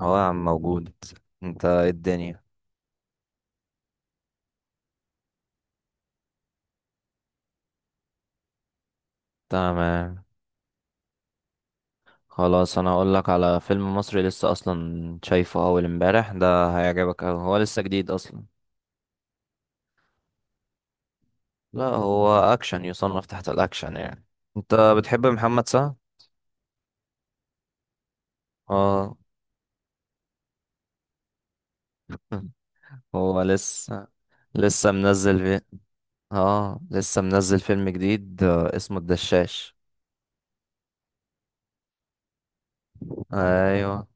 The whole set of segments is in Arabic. هو يا عم موجود. انت ايه الدنيا؟ تمام. خلاص، انا هقول لك على فيلم مصري لسه اصلا شايفه اول امبارح، ده هيعجبك أوي، هو لسه جديد اصلا. لا، هو اكشن، يصنف تحت الاكشن يعني. انت بتحب محمد سعد؟ اه. هو لسه لسه منزل في... اه لسه منزل فيلم جديد، اسمه الدشاش. ايوه.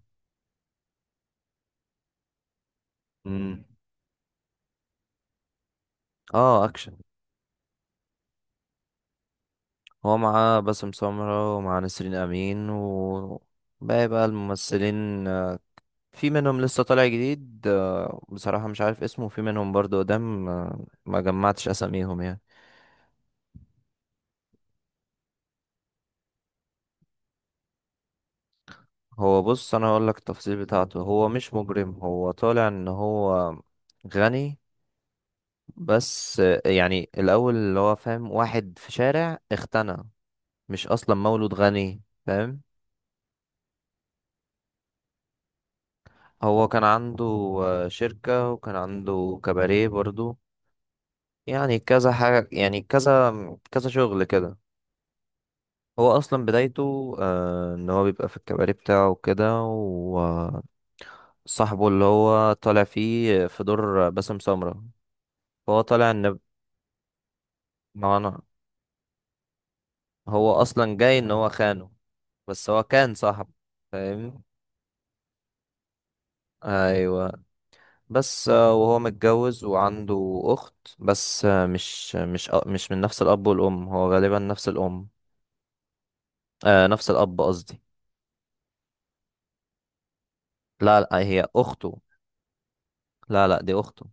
مم. اه، اكشن. هو معاه باسم سمرة ومعاه نسرين أمين و باقي بقى الممثلين، في منهم لسه طالع جديد، بصراحة مش عارف اسمه، وفي منهم برضه قدام، ما جمعتش أساميهم يعني. هو بص، أنا هقولك التفاصيل بتاعته، هو مش مجرم، هو طالع إن هو غني. بس يعني الأول اللي هو فاهم واحد في شارع اغتنى، مش أصلا مولود غني، فاهم. هو كان عنده شركة وكان عنده كباريه برضو. يعني كذا حاجة، يعني كذا كذا شغل كده. هو أصلا بدايته إن هو بيبقى في الكباري بتاعه كده، وصاحبه اللي هو طالع فيه في دور باسم سمرة، فهو طالع إن... ما أنا... هو أصلا جاي إن هو خانه، بس هو كان صاحبه، فاهم. أيوة. بس وهو متجوز وعنده أخت، بس مش من نفس الأب والأم، هو غالبا نفس الأم. نفس الأب قصدي. لا لا، هي أخته. لا لا، دي أخته.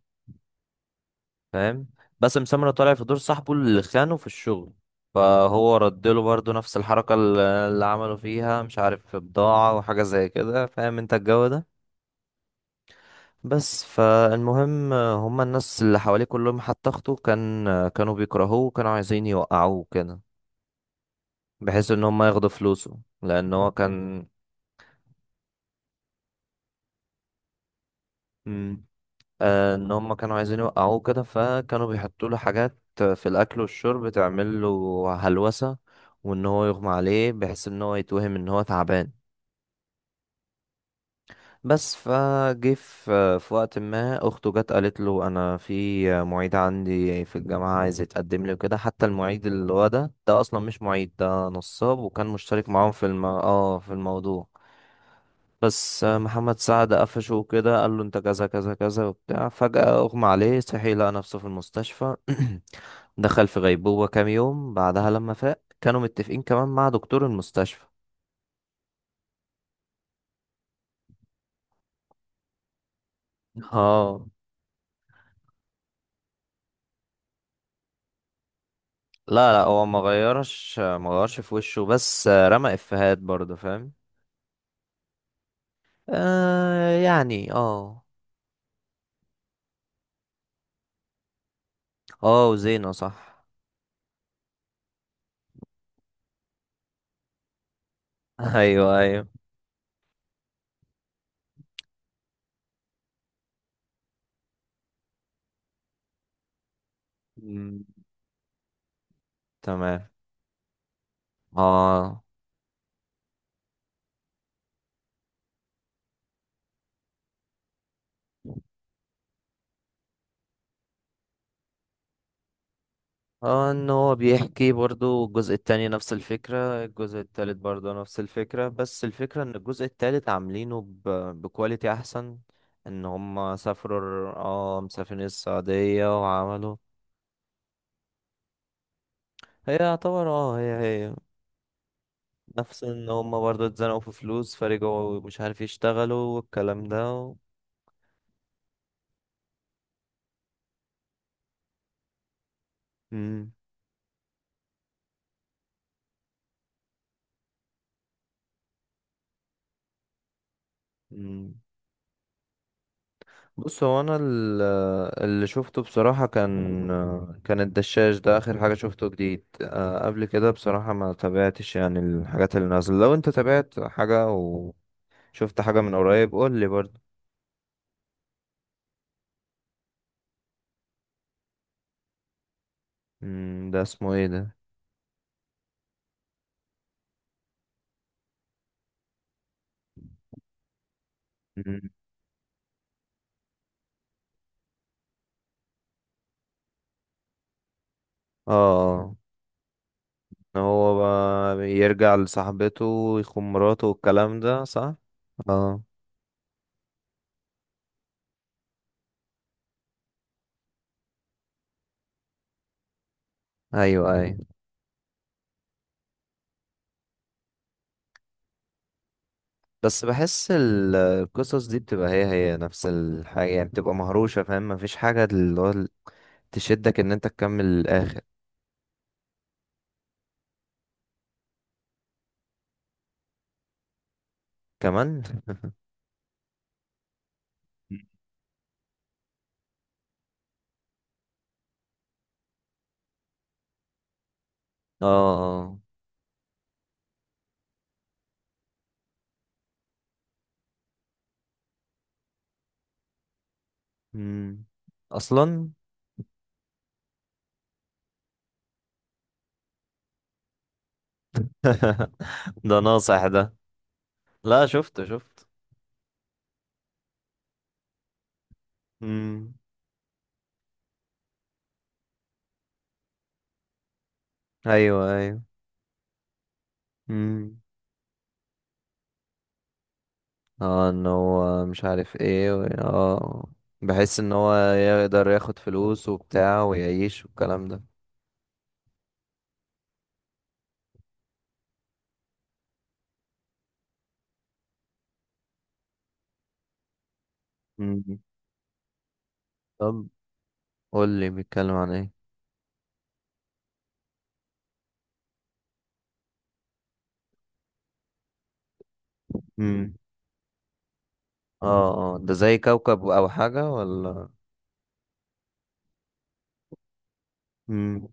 فاهم. باسم سمرة طالع في دور صاحبه اللي خانه في الشغل، فهو رد له برضه نفس الحركة اللي عملوا فيها، مش عارف في بضاعة وحاجة زي كده، فاهم انت الجو ده. بس فالمهم، هما الناس اللي حواليه كلهم، حتى اخته كانوا بيكرهوه وكانوا عايزين يوقعوه كده، بحيث ان هما ياخدوا فلوسه، لان هو كان... مم. ان هم كانوا عايزين يوقعوه كده، فكانوا بيحطوا له حاجات في الاكل والشرب تعمل له هلوسه، وان هو يغمى عليه بحيث ان هو يتوهم ان هو تعبان. بس فجه في وقت ما اخته جت قالت له انا في معيد عندي في الجامعه عايز يتقدم لي وكده، حتى المعيد اللي هو ده، ده اصلا مش معيد، ده نصاب، وكان مشترك معاهم في الم... اه في الموضوع. بس محمد سعد قفشه وكده، قال له انت كذا كذا كذا وبتاع، فجأة اغمى عليه، صحي لقى نفسه في المستشفى. دخل في غيبوبة كام يوم، بعدها لما فاق كانوا متفقين كمان مع دكتور المستشفى. اه. لا لا، هو ما غيرش ما غيرش في وشه، بس رمى افيهات برضه، فاهم. آه يعني اه. اه وزينة صح. ايوه، ايوه. مم، تمام. اه اه، ان هو بيحكي برضو، الجزء التاني نفس الفكرة، الجزء التالت برضو نفس الفكرة، بس الفكرة ان الجزء التالت عاملينه ب... بكواليتي احسن، ان هم سافروا. مسافرين السعودية وعملوا. هي يعتبر، هي هي نفس، ان هم برضو اتزنقوا في فلوس فرجعوا، مش عارف يشتغلوا، والكلام ده و... مم. مم. بص هو انا، اللي شفته بصراحة كان الدشاش ده اخر حاجة شفته جديد، قبل كده بصراحة ما تابعتش يعني الحاجات اللي نازلة، لو انت تابعت حاجة وشفت حاجة من قريب قول لي برضه. مم، ده اسمه ايه ده؟ مم، اه إن هو بقى يرجع لصاحبته ويخون مراته والكلام ده، صح. اه، ايوه ايوه. بس بحس القصص دي بتبقى هي هي نفس الحاجة، يعني بتبقى مهروشة، فاهم، مفيش حاجة تشدك ان انت تكمل الاخر. كمان اه. امم. اصلا. ده ناصح ده. لا، شفته شفت. امم. ايوه ايوه. امم. اه، ان هو مش عارف ايه و... اه. بحيث ان هو يقدر ياخد فلوس وبتاع ويعيش والكلام ده. امم. طب، قول لي بيتكلم عن ايه. امم. اه اه، ده زي كوكب او حاجة ولا؟ امم،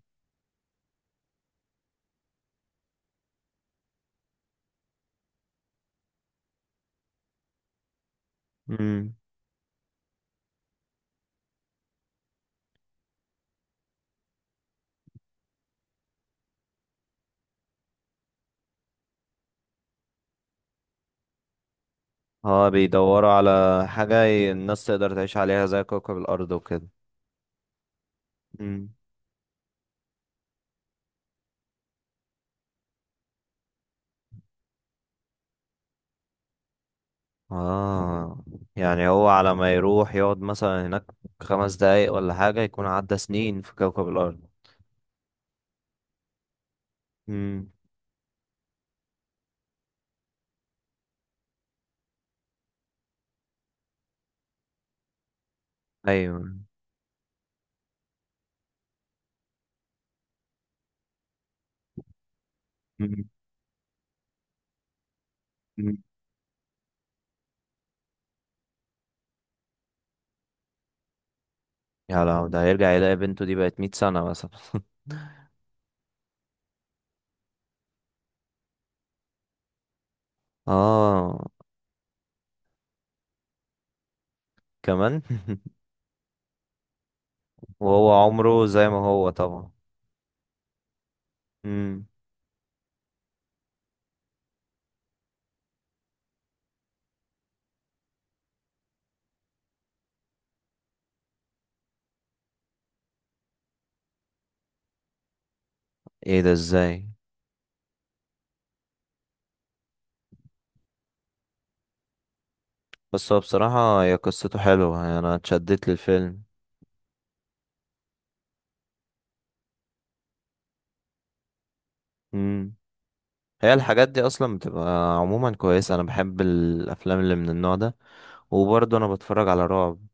امم. اه بيدوروا على حاجة، الناس تقدر تعيش عليها زي كوكب الأرض وكده. مم. اه يعني، هو على ما يروح يقعد مثلا هناك 5 دقايق ولا حاجة، يكون عدى سنين في كوكب الأرض. مم. أيوة. مم. مم. يا لو ده هيرجع يلاقي بنته دي بقت 100 سنة مثلا. اه كمان. وهو عمره زي ما هو طبعا. مم. ايه ده ازاي؟ بس هو بصراحة، هي قصته حلوة يعني، انا اتشدت للفيلم. مم. هي الحاجات دي اصلا بتبقى عموما كويسه، انا بحب الافلام اللي من النوع ده، وبرضه انا بتفرج على رعب.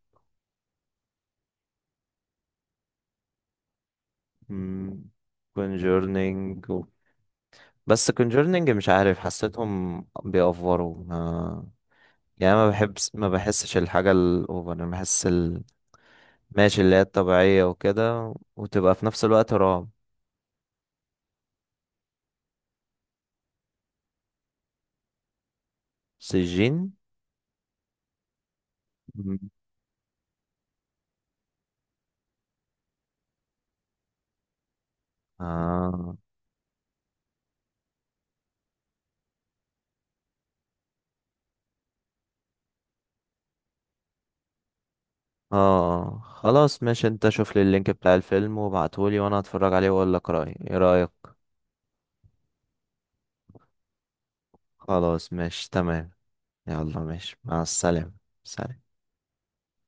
كونجورنينج و... بس كونجورنينج مش عارف، حسيتهم بيأفوروا ما... يعني ما بحسش الحاجه الاوفر، انا بحس ال... ماشي اللي هي الطبيعيه وكده، وتبقى في نفس الوقت رعب. سجين. مم. آه آه، خلاص ماشي، انت شوف لي اللينك بتاع الفيلم وابعتهولي، وانا هتفرج عليه واقول لك رأيي، ايه رأيك؟ خلاص ماشي تمام. يلا ماشي مع السلامة. سلام